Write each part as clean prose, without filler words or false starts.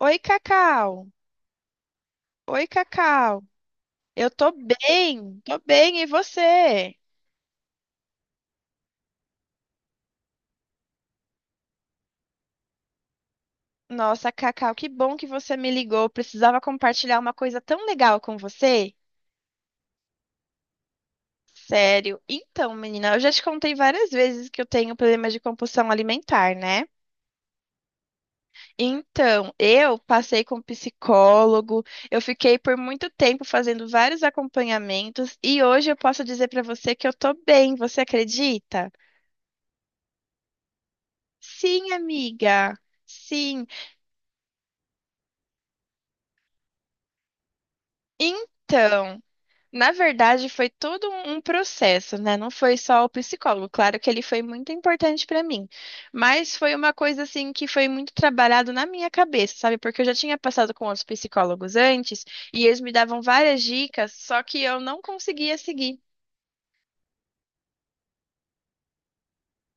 Oi, Cacau. Oi, Cacau. Eu tô bem, e você? Nossa, Cacau, que bom que você me ligou. Precisava compartilhar uma coisa tão legal com você. Sério. Então, menina, eu já te contei várias vezes que eu tenho problema de compulsão alimentar, né? Então, eu passei com um psicólogo, eu fiquei por muito tempo fazendo vários acompanhamentos e hoje eu posso dizer pra você que eu tô bem, você acredita? Sim, amiga. Sim. Então, na verdade, foi todo um processo, né? Não foi só o psicólogo. Claro que ele foi muito importante para mim, mas foi uma coisa assim que foi muito trabalhado na minha cabeça, sabe? Porque eu já tinha passado com outros psicólogos antes e eles me davam várias dicas, só que eu não conseguia seguir.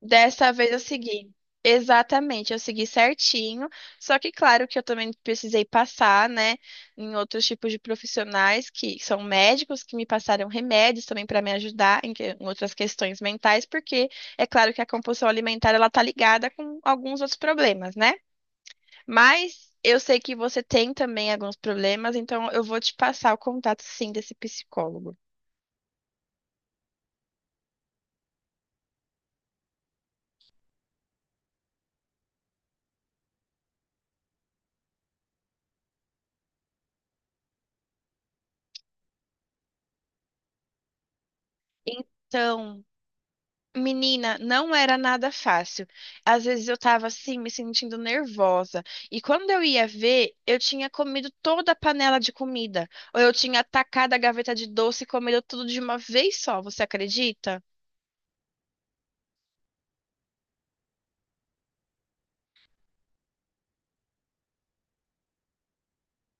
Dessa vez eu segui. Exatamente, eu segui certinho. Só que, claro, que eu também precisei passar, né, em outros tipos de profissionais que são médicos que me passaram remédios também para me ajudar em outras questões mentais, porque é claro que a compulsão alimentar ela tá ligada com alguns outros problemas, né? Mas eu sei que você tem também alguns problemas, então eu vou te passar o contato sim desse psicólogo. Então, menina, não era nada fácil. Às vezes eu tava assim, me sentindo nervosa. E quando eu ia ver, eu tinha comido toda a panela de comida. Ou eu tinha atacado a gaveta de doce e comido tudo de uma vez só, você acredita?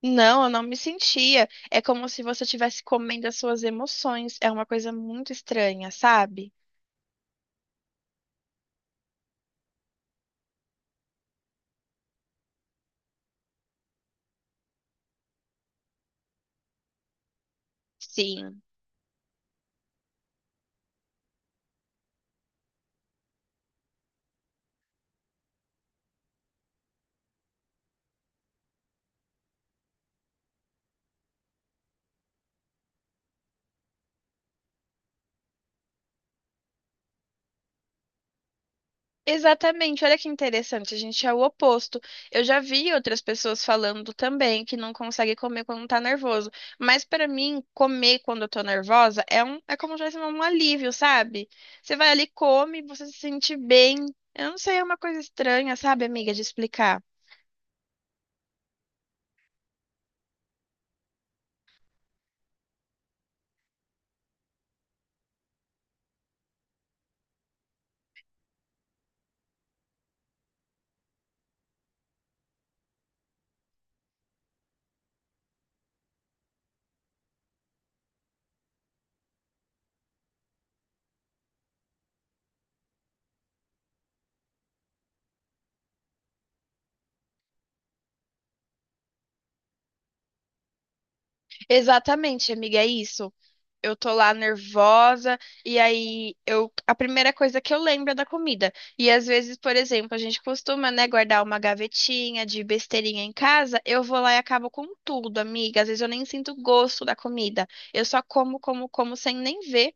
Não, eu não me sentia. É como se você estivesse comendo as suas emoções. É uma coisa muito estranha, sabe? Sim. Exatamente, olha que interessante, a gente é o oposto. Eu já vi outras pessoas falando também que não consegue comer quando tá nervoso, mas pra mim, comer quando eu tô nervosa é um, é como se fosse um alívio, sabe? Você vai ali, come, você se sente bem. Eu não sei, é uma coisa estranha, sabe, amiga, de explicar. Exatamente, amiga, é isso. Eu tô lá nervosa e aí eu a primeira coisa que eu lembro é da comida. E às vezes, por exemplo, a gente costuma, né, guardar uma gavetinha de besteirinha em casa, eu vou lá e acabo com tudo, amiga. Às vezes eu nem sinto gosto da comida. Eu só como, como, como sem nem ver.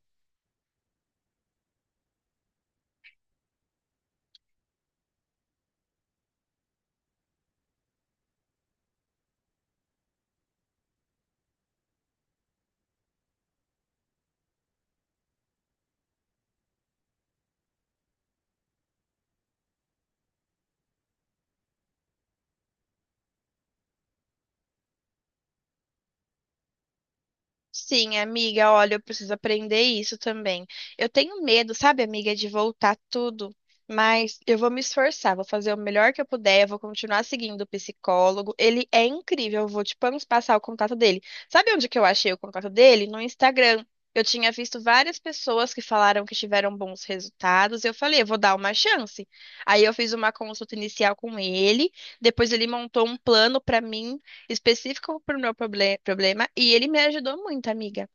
Sim, amiga, olha, eu preciso aprender isso também. Eu tenho medo, sabe, amiga, de voltar tudo, mas eu vou me esforçar, vou fazer o melhor que eu puder, eu vou continuar seguindo o psicólogo. Ele é incrível, eu vou te passar o contato dele. Sabe onde que eu achei o contato dele? No Instagram. Eu tinha visto várias pessoas que falaram que tiveram bons resultados. Eu falei, eu vou dar uma chance. Aí eu fiz uma consulta inicial com ele, depois ele montou um plano para mim específico para o meu problema e ele me ajudou muito, amiga.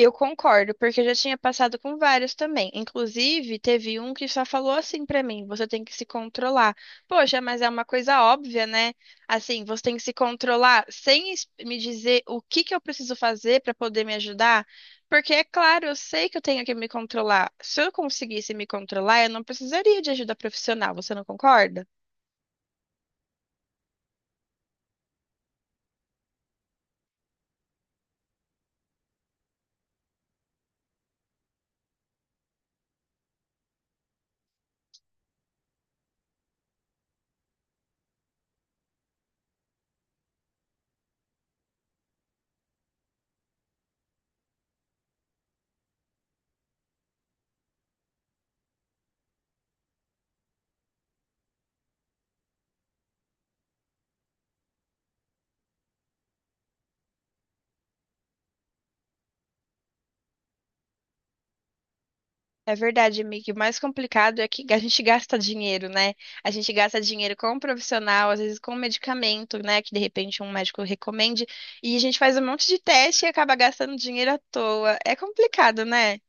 Eu concordo, porque eu já tinha passado com vários também. Inclusive, teve um que só falou assim para mim: você tem que se controlar. Poxa, mas é uma coisa óbvia, né? Assim, você tem que se controlar sem me dizer o que que eu preciso fazer para poder me ajudar. Porque, é claro, eu sei que eu tenho que me controlar. Se eu conseguisse me controlar, eu não precisaria de ajuda profissional, você não concorda? É verdade, amiga. O mais complicado é que a gente gasta dinheiro, né? A gente gasta dinheiro com um profissional, às vezes com um medicamento, né? Que de repente um médico recomende, e a gente faz um monte de teste e acaba gastando dinheiro à toa. É complicado, né?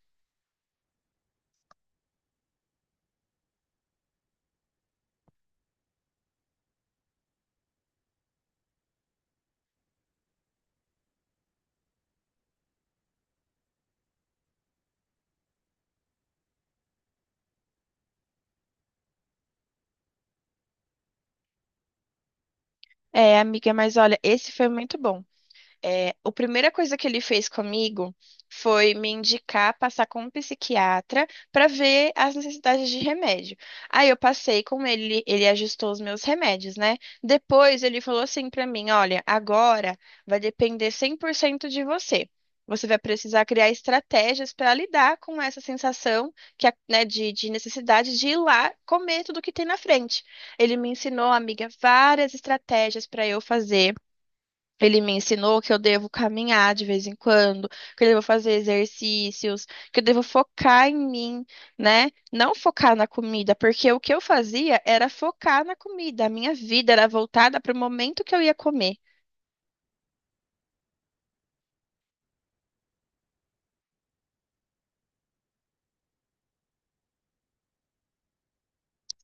É, amiga, mas olha, esse foi muito bom. É, a primeira coisa que ele fez comigo foi me indicar passar com um psiquiatra para ver as necessidades de remédio. Aí eu passei com ele, ele ajustou os meus remédios, né? Depois ele falou assim para mim: olha, agora vai depender 100% de você. Você vai precisar criar estratégias para lidar com essa sensação que, a- né, de necessidade de ir lá comer tudo que tem na frente. Ele me ensinou, amiga, várias estratégias para eu fazer. Ele me ensinou que eu devo caminhar de vez em quando, que eu devo fazer exercícios, que eu devo focar em mim, né? Não focar na comida, porque o que eu fazia era focar na comida. A minha vida era voltada para o momento que eu ia comer.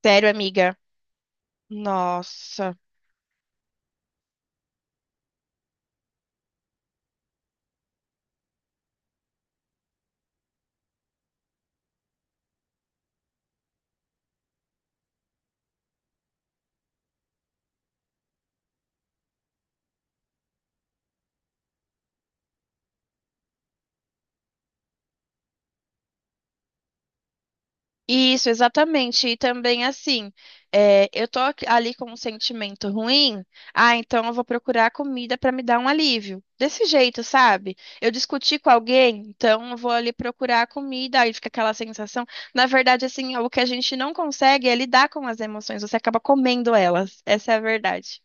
Sério, amiga? Nossa. Isso, exatamente. E também assim, é, eu tô ali com um sentimento ruim, ah, então eu vou procurar comida para me dar um alívio. Desse jeito, sabe? Eu discuti com alguém, então eu vou ali procurar a comida, aí fica aquela sensação. Na verdade, assim, o que a gente não consegue é lidar com as emoções, você acaba comendo elas. Essa é a verdade.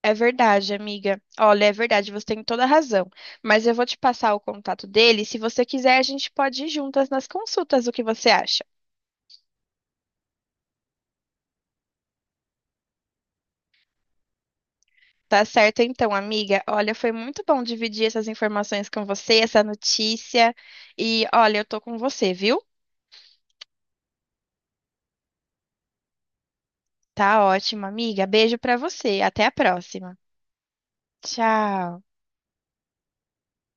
É verdade, amiga. Olha, é verdade, você tem toda a razão. Mas eu vou te passar o contato dele. Se você quiser, a gente pode ir juntas nas consultas. O que você acha? Tá certo então, amiga. Olha, foi muito bom dividir essas informações com você, essa notícia. E olha, eu tô com você, viu? Tá ótimo, amiga. Beijo pra você. Até a próxima. Tchau.